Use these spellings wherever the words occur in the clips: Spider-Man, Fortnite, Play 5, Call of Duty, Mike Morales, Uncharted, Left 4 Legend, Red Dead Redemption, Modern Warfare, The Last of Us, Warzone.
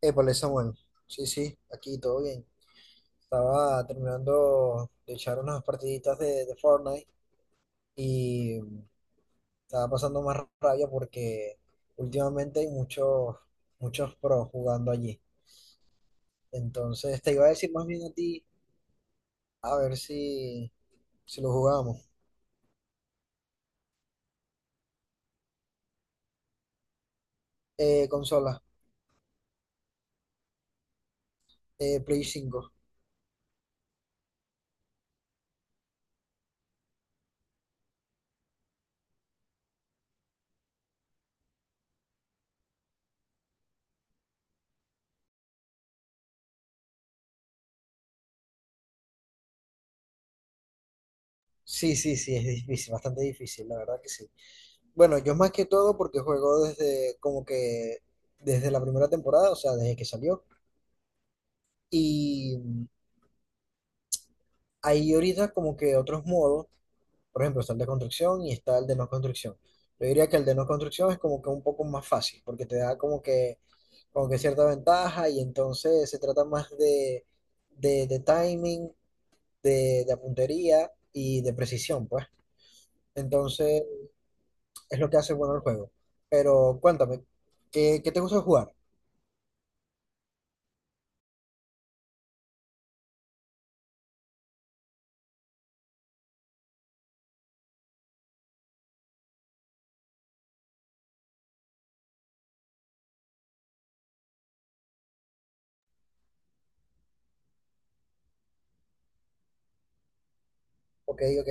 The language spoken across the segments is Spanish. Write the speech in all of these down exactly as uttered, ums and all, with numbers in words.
Épale, Samuel. Sí, sí, aquí todo bien. Estaba terminando de echar unas partiditas de, de Fortnite y estaba pasando más rabia porque últimamente hay muchos, muchos pros jugando allí. Entonces te iba a decir más bien a ti, a ver si, si lo jugamos. Eh, consola, eh, Play cinco. Sí, sí, sí, es difícil, bastante difícil, la verdad que sí. Bueno, yo más que todo porque juego desde como que desde la primera temporada, o sea, desde que salió. Y mm, Hay ahorita como que otros modos, por ejemplo, está el de construcción y está el de no construcción. Yo diría que el de no construcción es como que un poco más fácil, porque te da como que, como que cierta ventaja y entonces se trata más de, de, de timing, de, de puntería y de precisión, pues. Entonces es lo que hace bueno el juego. Pero cuéntame, ¿qué, qué te gusta jugar? Ok, ok,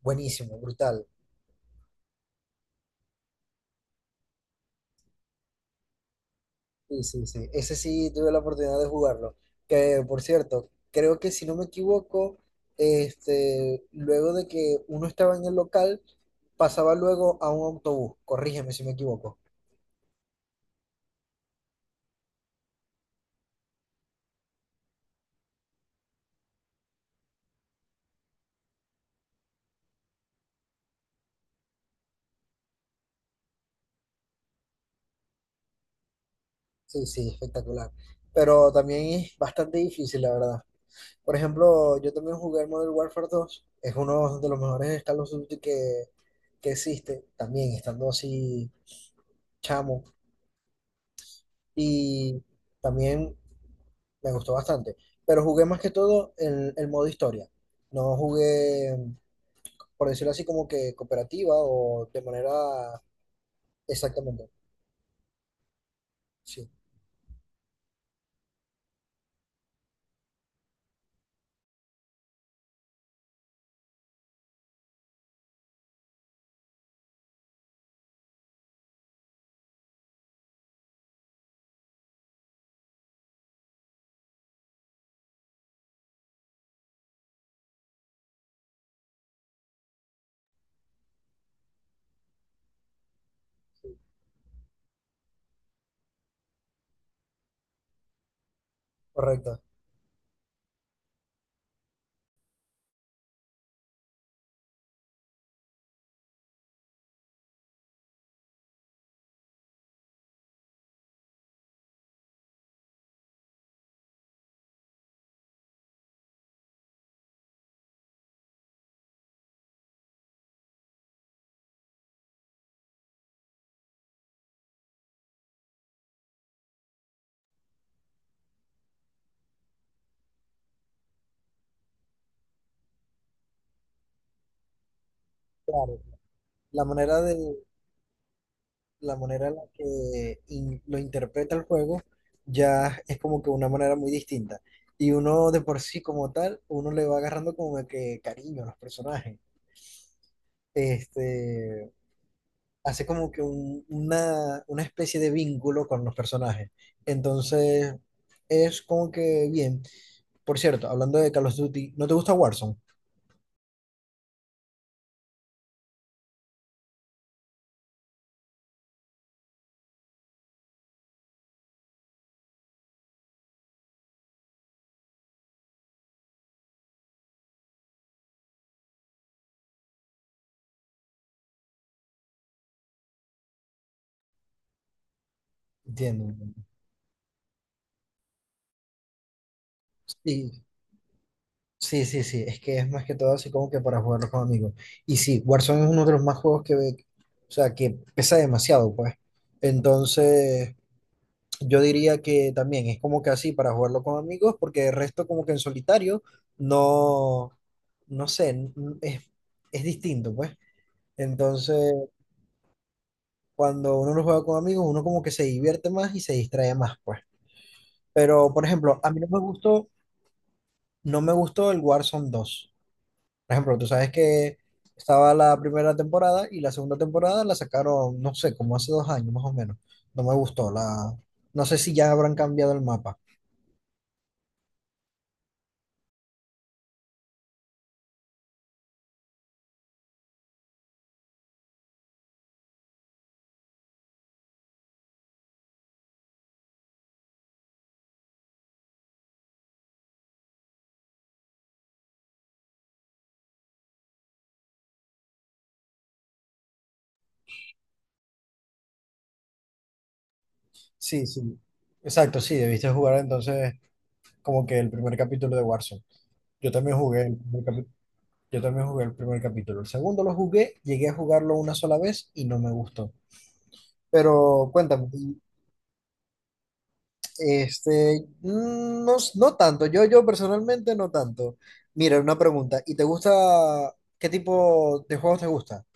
buenísimo, brutal. Sí, sí, sí. Ese sí tuve la oportunidad de jugarlo. Que por cierto, creo que si no me equivoco, este, luego de que uno estaba en el local, pasaba luego a un autobús. Corrígeme si me equivoco. Sí, sí, espectacular. Pero también es bastante difícil, la verdad. Por ejemplo, yo también jugué el Modern Warfare dos. Es uno de los mejores Call of Duty que, que existe. También estando así chamo. Y también me gustó bastante. Pero jugué más que todo el, el modo historia. No jugué, por decirlo así, como que cooperativa o de manera exactamente. Sí, correcto. Claro. La manera de, la manera en la que in- lo interpreta el juego ya es como que una manera muy distinta. Y uno de por sí como tal, uno le va agarrando como que cariño a los personajes. Este, hace como que un- una, una especie de vínculo con los personajes. Entonces, es como que bien. Por cierto, hablando de Call of Duty, ¿no te gusta Warzone? Entiendo, entiendo. Sí, sí, sí, sí. Es que es más que todo así como que para jugarlo con amigos. Y sí, Warzone es uno de los más juegos que, ve- o sea, que pesa demasiado, pues. Entonces, yo diría que también es como que así para jugarlo con amigos, porque el resto como que en solitario, no, no sé, n- es, es distinto, pues. Entonces, cuando uno lo juega con amigos, uno como que se divierte más y se distrae más, pues. Pero, por ejemplo, a mí no me gustó, no me gustó el Warzone dos. Por ejemplo, tú sabes que estaba la primera temporada y la segunda temporada la sacaron, no sé, como hace dos años más o menos. No me gustó la... No sé si ya habrán cambiado el mapa. Sí, sí. Exacto, sí, debiste jugar entonces como que el primer capítulo de Warzone. Yo también jugué el primer capítulo. Yo también jugué el primer capítulo. El segundo lo jugué, llegué a jugarlo una sola vez y no me gustó. Pero cuéntame, y, este, mm, no, s- no tanto, yo, yo personalmente no tanto. Mira, una pregunta, ¿y te gusta, qué tipo de juegos te gusta?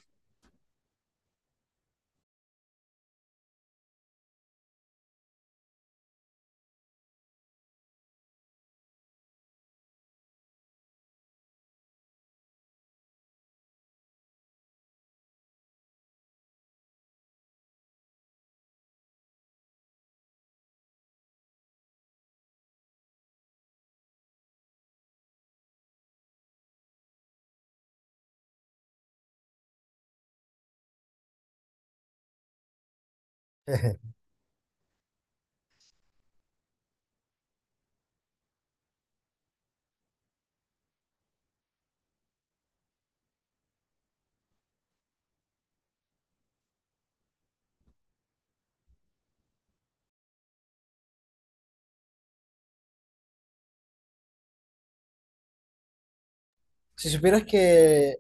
Si supieras que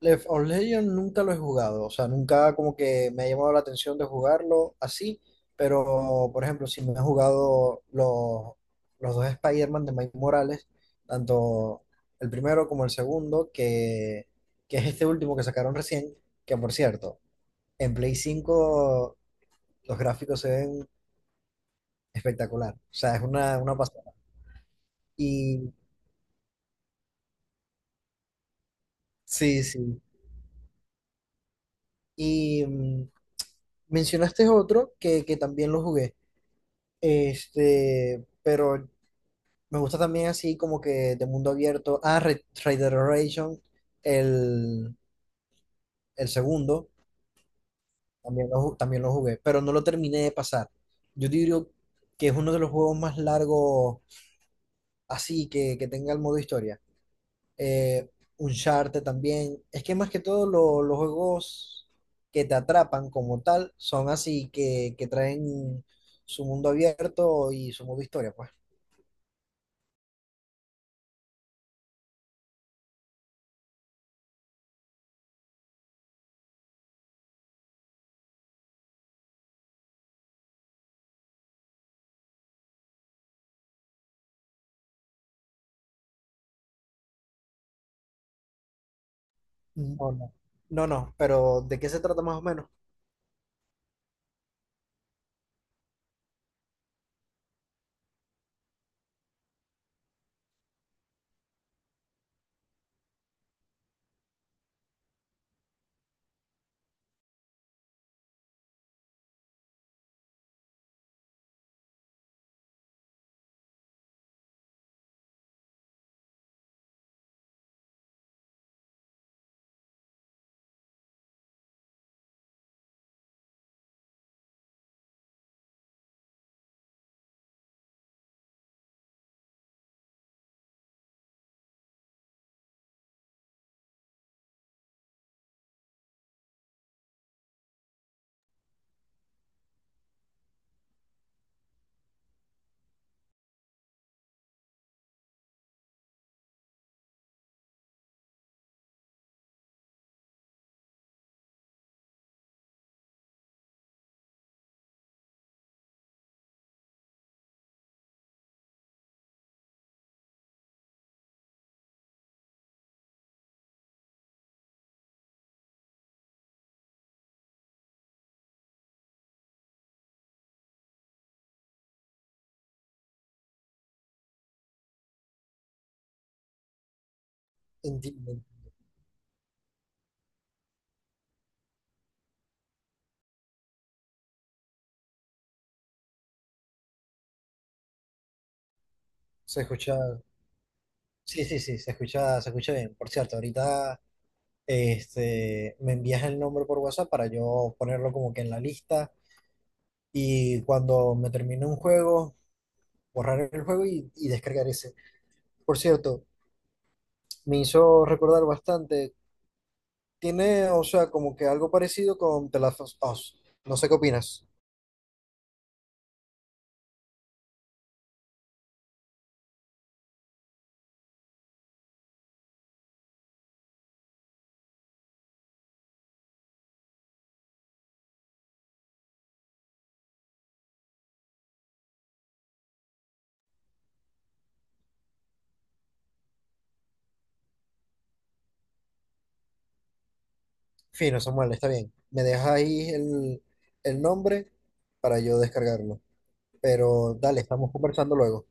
Left cuatro Legend nunca lo he jugado, o sea, nunca como que me ha llamado la atención de jugarlo así, pero por ejemplo, si me he jugado los, los dos Spider-Man de Mike Morales, tanto el primero como el segundo, que, que es este último que sacaron recién, que por cierto, en Play cinco los gráficos se ven espectacular, o sea, es una, una pasada. Y sí, sí. Y mm, mencionaste otro que, que también lo jugué. Este, pero me gusta también así como que de mundo abierto. Ah, Re- Red Dead Redemption, el, el segundo, también lo, ju- también lo jugué, pero no lo terminé de pasar. Yo diría que es uno de los juegos más largos así que, que tenga el modo historia. Eh, Uncharted también. Es que más que todo lo- los juegos que te atrapan como tal son así que, que traen su mundo abierto y su modo historia, pues. Mm, ¿no? No, no, pero ¿de qué se trata más o menos? Enti- Se escucha, sí, sí, sí, se escucha, se escucha bien. Por cierto, ahorita este, me envías el nombre por WhatsApp para yo ponerlo como que en la lista y cuando me termine un juego, borrar el juego y, y descargar ese. Por cierto, me hizo recordar bastante. Tiene, o sea, como que algo parecido con The Last of Us. No sé qué opinas. Fino, Samuel, está bien. Me dejas ahí el, el nombre para yo descargarlo. Pero dale, estamos conversando luego.